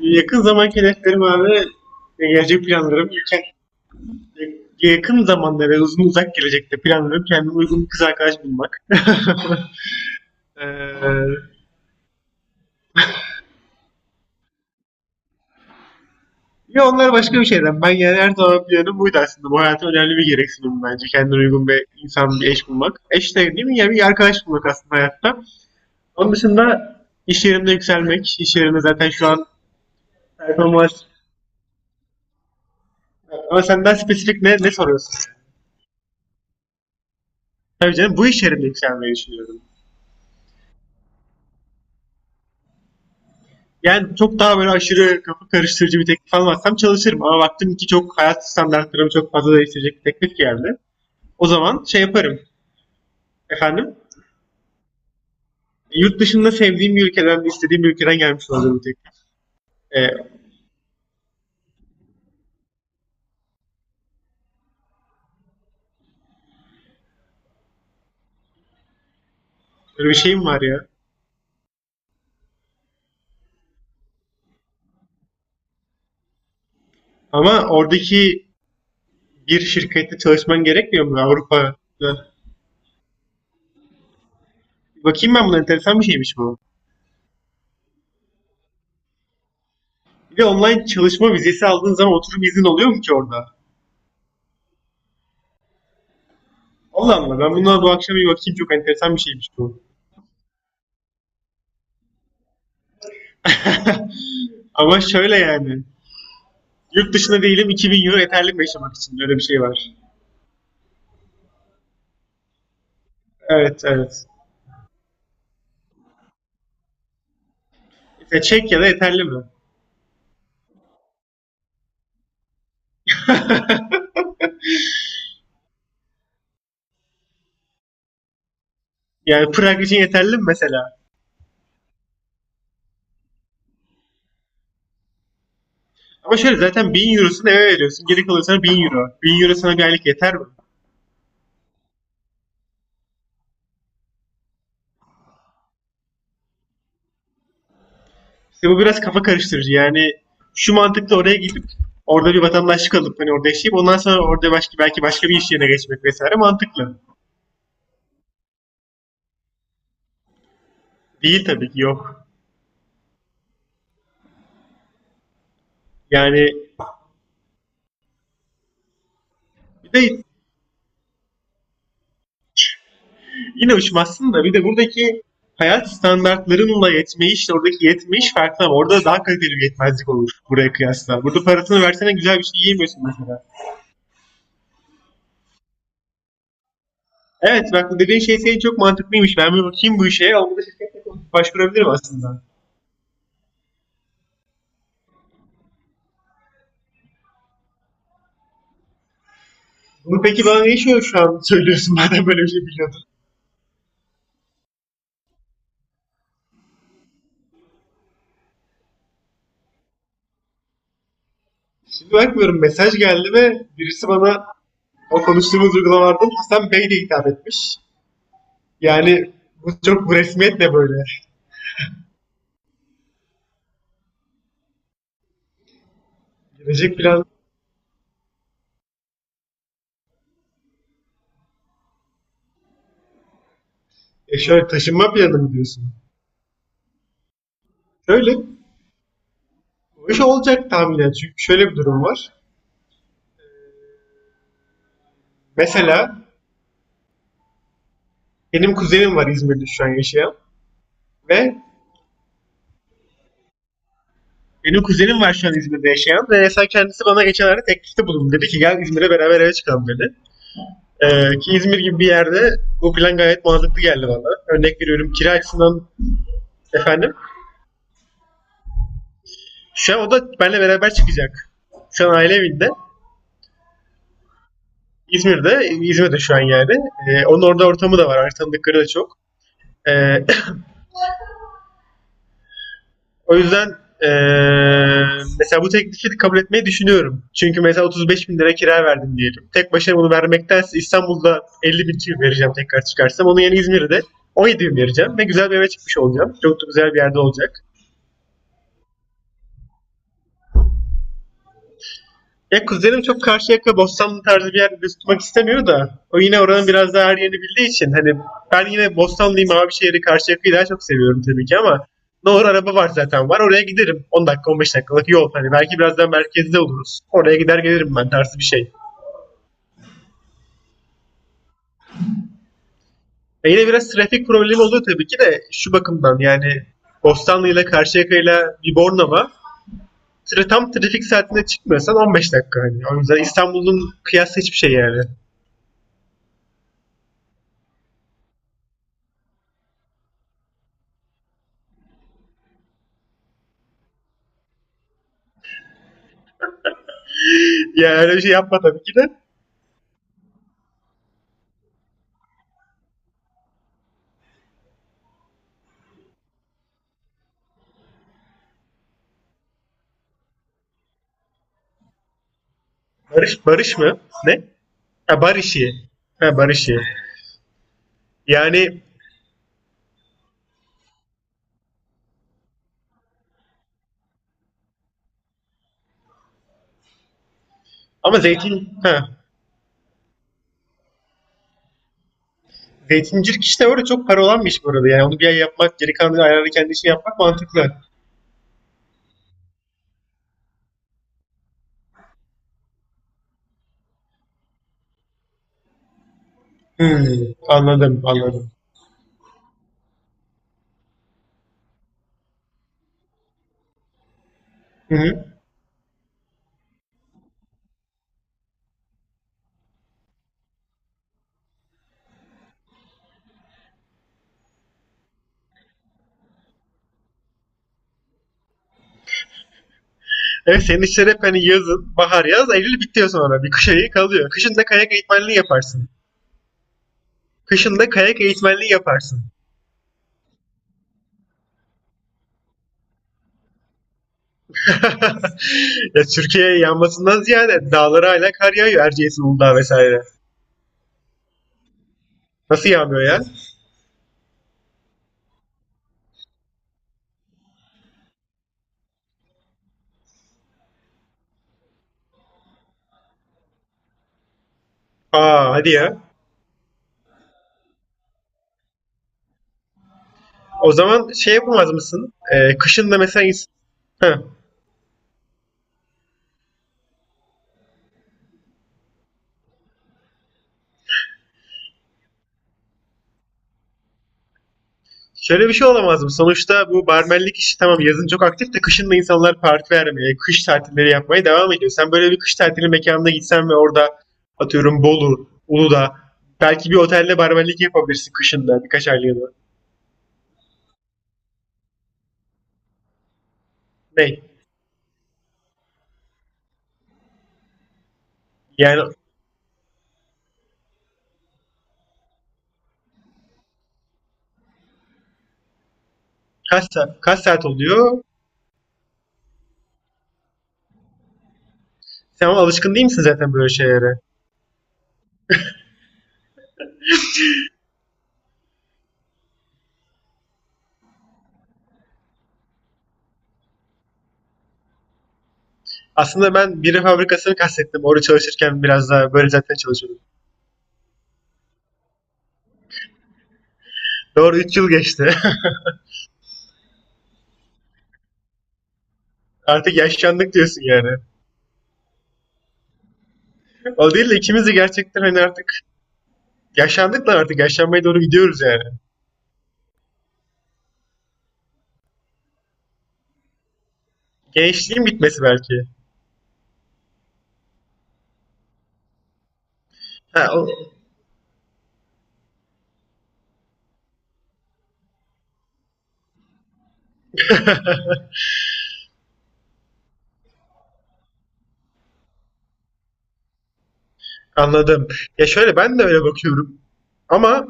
Yakın zamanki hedeflerim abi gelecek planlarım yakın, yakın zamanda ve uzun uzak gelecekte planlarım kendime uygun bir kız arkadaş bulmak. ee, ya onlar başka bir şeyden. Ben yani her zaman planım buydu aslında. Bu hayata önemli bir gereksinim bence. Kendine uygun bir insan, bir eş bulmak. Eş de değil mi? Yani bir arkadaş bulmak aslında hayatta. Onun dışında iş yerimde yükselmek. İş yerinde zaten şu an performans. Ama senden spesifik ne soruyorsun? Tabii canım bu iş yerinde yükselmeyi düşünüyorum. Yani çok daha böyle aşırı kafa karıştırıcı bir teklif almazsam çalışırım. Ama baktım ki çok hayat standartlarımı çok fazla değiştirecek bir teklif geldi. O zaman şey yaparım. Efendim? Yurt dışında sevdiğim bir ülkeden, istediğim bir ülkeden gelmiş olacağım bir teklif. Ee, böyle bir şeyim var ya. Ama oradaki bir şirkette çalışman gerekmiyor mu Avrupa'da? Bakayım ben buna, enteresan bir şeymiş bu. Bir de online çalışma vizesi aldığın zaman oturum izin oluyor mu ki orada? Allah Allah, ben buna bu akşam bir bakayım, çok enteresan bir şeymiş bu. Ama şöyle yani, yurt dışında değilim, 2000 euro yeterli mi yaşamak için? Öyle bir şey var. Evet, evet. Mesela Çek ya da yeterli mi? Yani Prag için yeterli mi mesela? Ama şöyle, zaten 1000 eurosunu eve veriyorsun. Geri kalıyor sana 1000 euro. 1000 euro sana bir aylık yeter mi? İşte bu biraz kafa karıştırıcı. Yani şu mantıkla oraya gidip orada bir vatandaşlık alıp hani orada yaşayıp ondan sonra orada başka belki başka bir iş yerine geçmek vesaire mantıklı. Değil tabii ki, yok. Yani bir de yine uçmazsın da bir de buradaki hayat standartlarınla yetmeyiş, oradaki yetmeyiş farklı ama orada daha kaliteli bir yetmezlik olur buraya kıyasla. Burada parasını versene güzel bir şey yiyemiyorsun mesela. Evet bak, bu dediğin şey senin çok mantıklıymış. Ben bir bakayım bu işe. Ama da şirketle konuşup başvurabilirim aslında. Bunu peki bana ne şu an söylüyorsun madem böyle bir şey biliyordun. Şimdi bakmıyorum, mesaj geldi ve birisi bana o konuştuğumuz uygulamalardan Hasan Bey de hitap etmiş. Yani bu çok bu resmiyetle böyle. Gelecek plan, şöyle taşınma planı mı diyorsun? Şöyle, o iş olacak tahminen çünkü şöyle bir durum var. Mesela benim kuzenim var İzmir'de şu an yaşayan ve benim kuzenim var şu an İzmir'de yaşayan ve mesela kendisi bana geçenlerde teklifte bulundu. Dedi ki gel İzmir'e beraber eve çıkalım dedi. Ki İzmir gibi bir yerde bu plan gayet mantıklı geldi bana. Örnek veriyorum kira açısından, efendim. Şu an o da benimle beraber çıkacak. Şu an aile evinde. İzmir'de, İzmir'de şu an yani. Onun orada ortamı da var. Artık tanıdıkları da çok. Ee, O yüzden eee, mesela bu teklifi kabul etmeyi düşünüyorum. Çünkü mesela 35 bin lira kira verdim diyelim. Tek başına bunu vermektense İstanbul'da 50 bin kira vereceğim tekrar çıkarsam. Onun yerine İzmir'de 17 bin vereceğim ve güzel bir eve çıkmış olacağım. Çok da güzel bir yerde olacak. Ya kuzenim çok Karşıyaka, Bostanlı tarzı bir yerde tutmak istemiyor da o yine oranın biraz daha her yerini bildiği için hani ben yine Bostanlıyım, Mavişehir'i, Karşıyaka'yı daha çok seviyorum tabii ki ama ne doğru, araba var zaten, var oraya giderim, 10 dakika 15 dakikalık yol hani, belki biraz daha merkezde oluruz, oraya gider gelirim ben tarzı bir şey. E yine biraz trafik problemi oluyor tabii ki de, şu bakımdan yani Bostanlı ile Karşıyaka ile bir Bornova tam trafik saatinde çıkmıyorsan 15 dakika hani. O yüzden İstanbul'un kıyası hiçbir şey yani. Yani öyle bir şey yapma tabii ki de. Barış Barış mı? Ne? Ha, Barışi. Ha, Barışi. Yani ama zeytin ha. Zeytincilik işte öyle çok para olan bir iş bu arada. Yani onu bir ay yapmak, geri kalan ayarını kendi işini yapmak mantıklı. Hmm, anladım, anladım. Hı-hı. Evet, senin işler hep hani yazın, bahar yaz, Eylül bitiyor sonra. Bir kış ayı kalıyor. Kışın da kayak eğitmenliği yaparsın. Kışın da kayak eğitmenliği yaparsın. Ya Türkiye yanmasından ziyade dağlara hala kar yağıyor. Erciyes, Uludağ vesaire. Nasıl yağmıyor ya? Aa hadi ya. O zaman şey yapamaz mısın? Kışın da mesela Heh. Şöyle bir şey olamaz mı? Sonuçta bu barmenlik işi tamam, yazın çok aktif de kışın da insanlar parti vermeye, kış tatilleri yapmaya devam ediyor. Sen böyle bir kış tatili mekanına gitsen ve orada atıyorum Bolu, Uludağ, belki bir otelde barmenlik yapabilirsin kışında birkaç aylığına. Ne? Yani kaç saat, kaç saat oluyor? Sen ama alışkın değil misin zaten böyle şeylere? Aslında ben biri fabrikasını kastettim. Orada çalışırken biraz daha böyle zaten çalışıyordum. Doğru, 3 yıl geçti. Artık yaşlandık diyorsun yani. O değil de ikimiz de gerçekten hani artık yaşlandık da artık yaşlanmaya doğru gidiyoruz yani. Gençliğin bitmesi belki. Ha, anladım. Ya şöyle, ben de öyle bakıyorum. Ama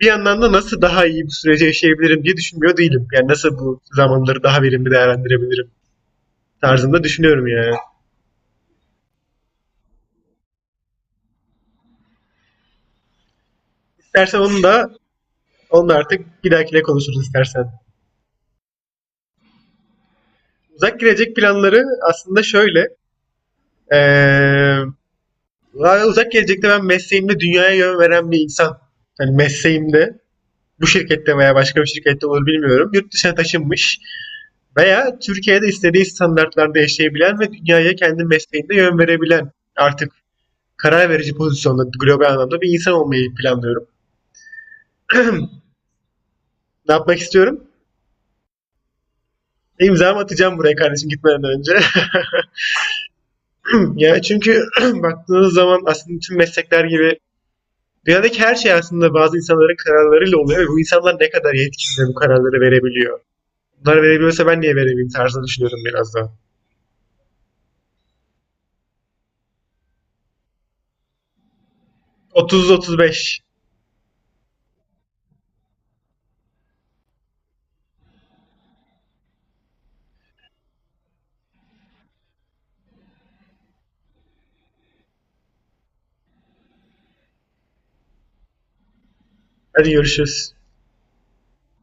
bir yandan da nasıl daha iyi bu süreci yaşayabilirim diye düşünmüyor değilim. Yani nasıl bu zamanları daha verimli değerlendirebilirim tarzında düşünüyorum yani. İstersen onu da artık bir dahakine konuşuruz istersen. Uzak gelecek planları aslında şöyle. Ee, Yani uzak gelecekte ben mesleğimde dünyaya yön veren bir insan. Hani mesleğimde bu şirkette veya başka bir şirkette olur bilmiyorum. Yurt dışına taşınmış veya Türkiye'de istediği standartlarda yaşayabilen ve dünyaya kendi mesleğinde yön verebilen artık karar verici pozisyonda global anlamda bir insan olmayı planlıyorum. Ne yapmak istiyorum? İmzamı atacağım buraya kardeşim gitmeden önce. ya çünkü baktığınız zaman aslında tüm meslekler gibi dünyadaki her şey aslında bazı insanların kararlarıyla oluyor ve bu insanlar ne kadar yetkin bu kararları verebiliyor. Bunları verebiliyorsa ben niye veremeyeyim tarzını düşünüyorum biraz da. 30-35. Hadi görüşürüz.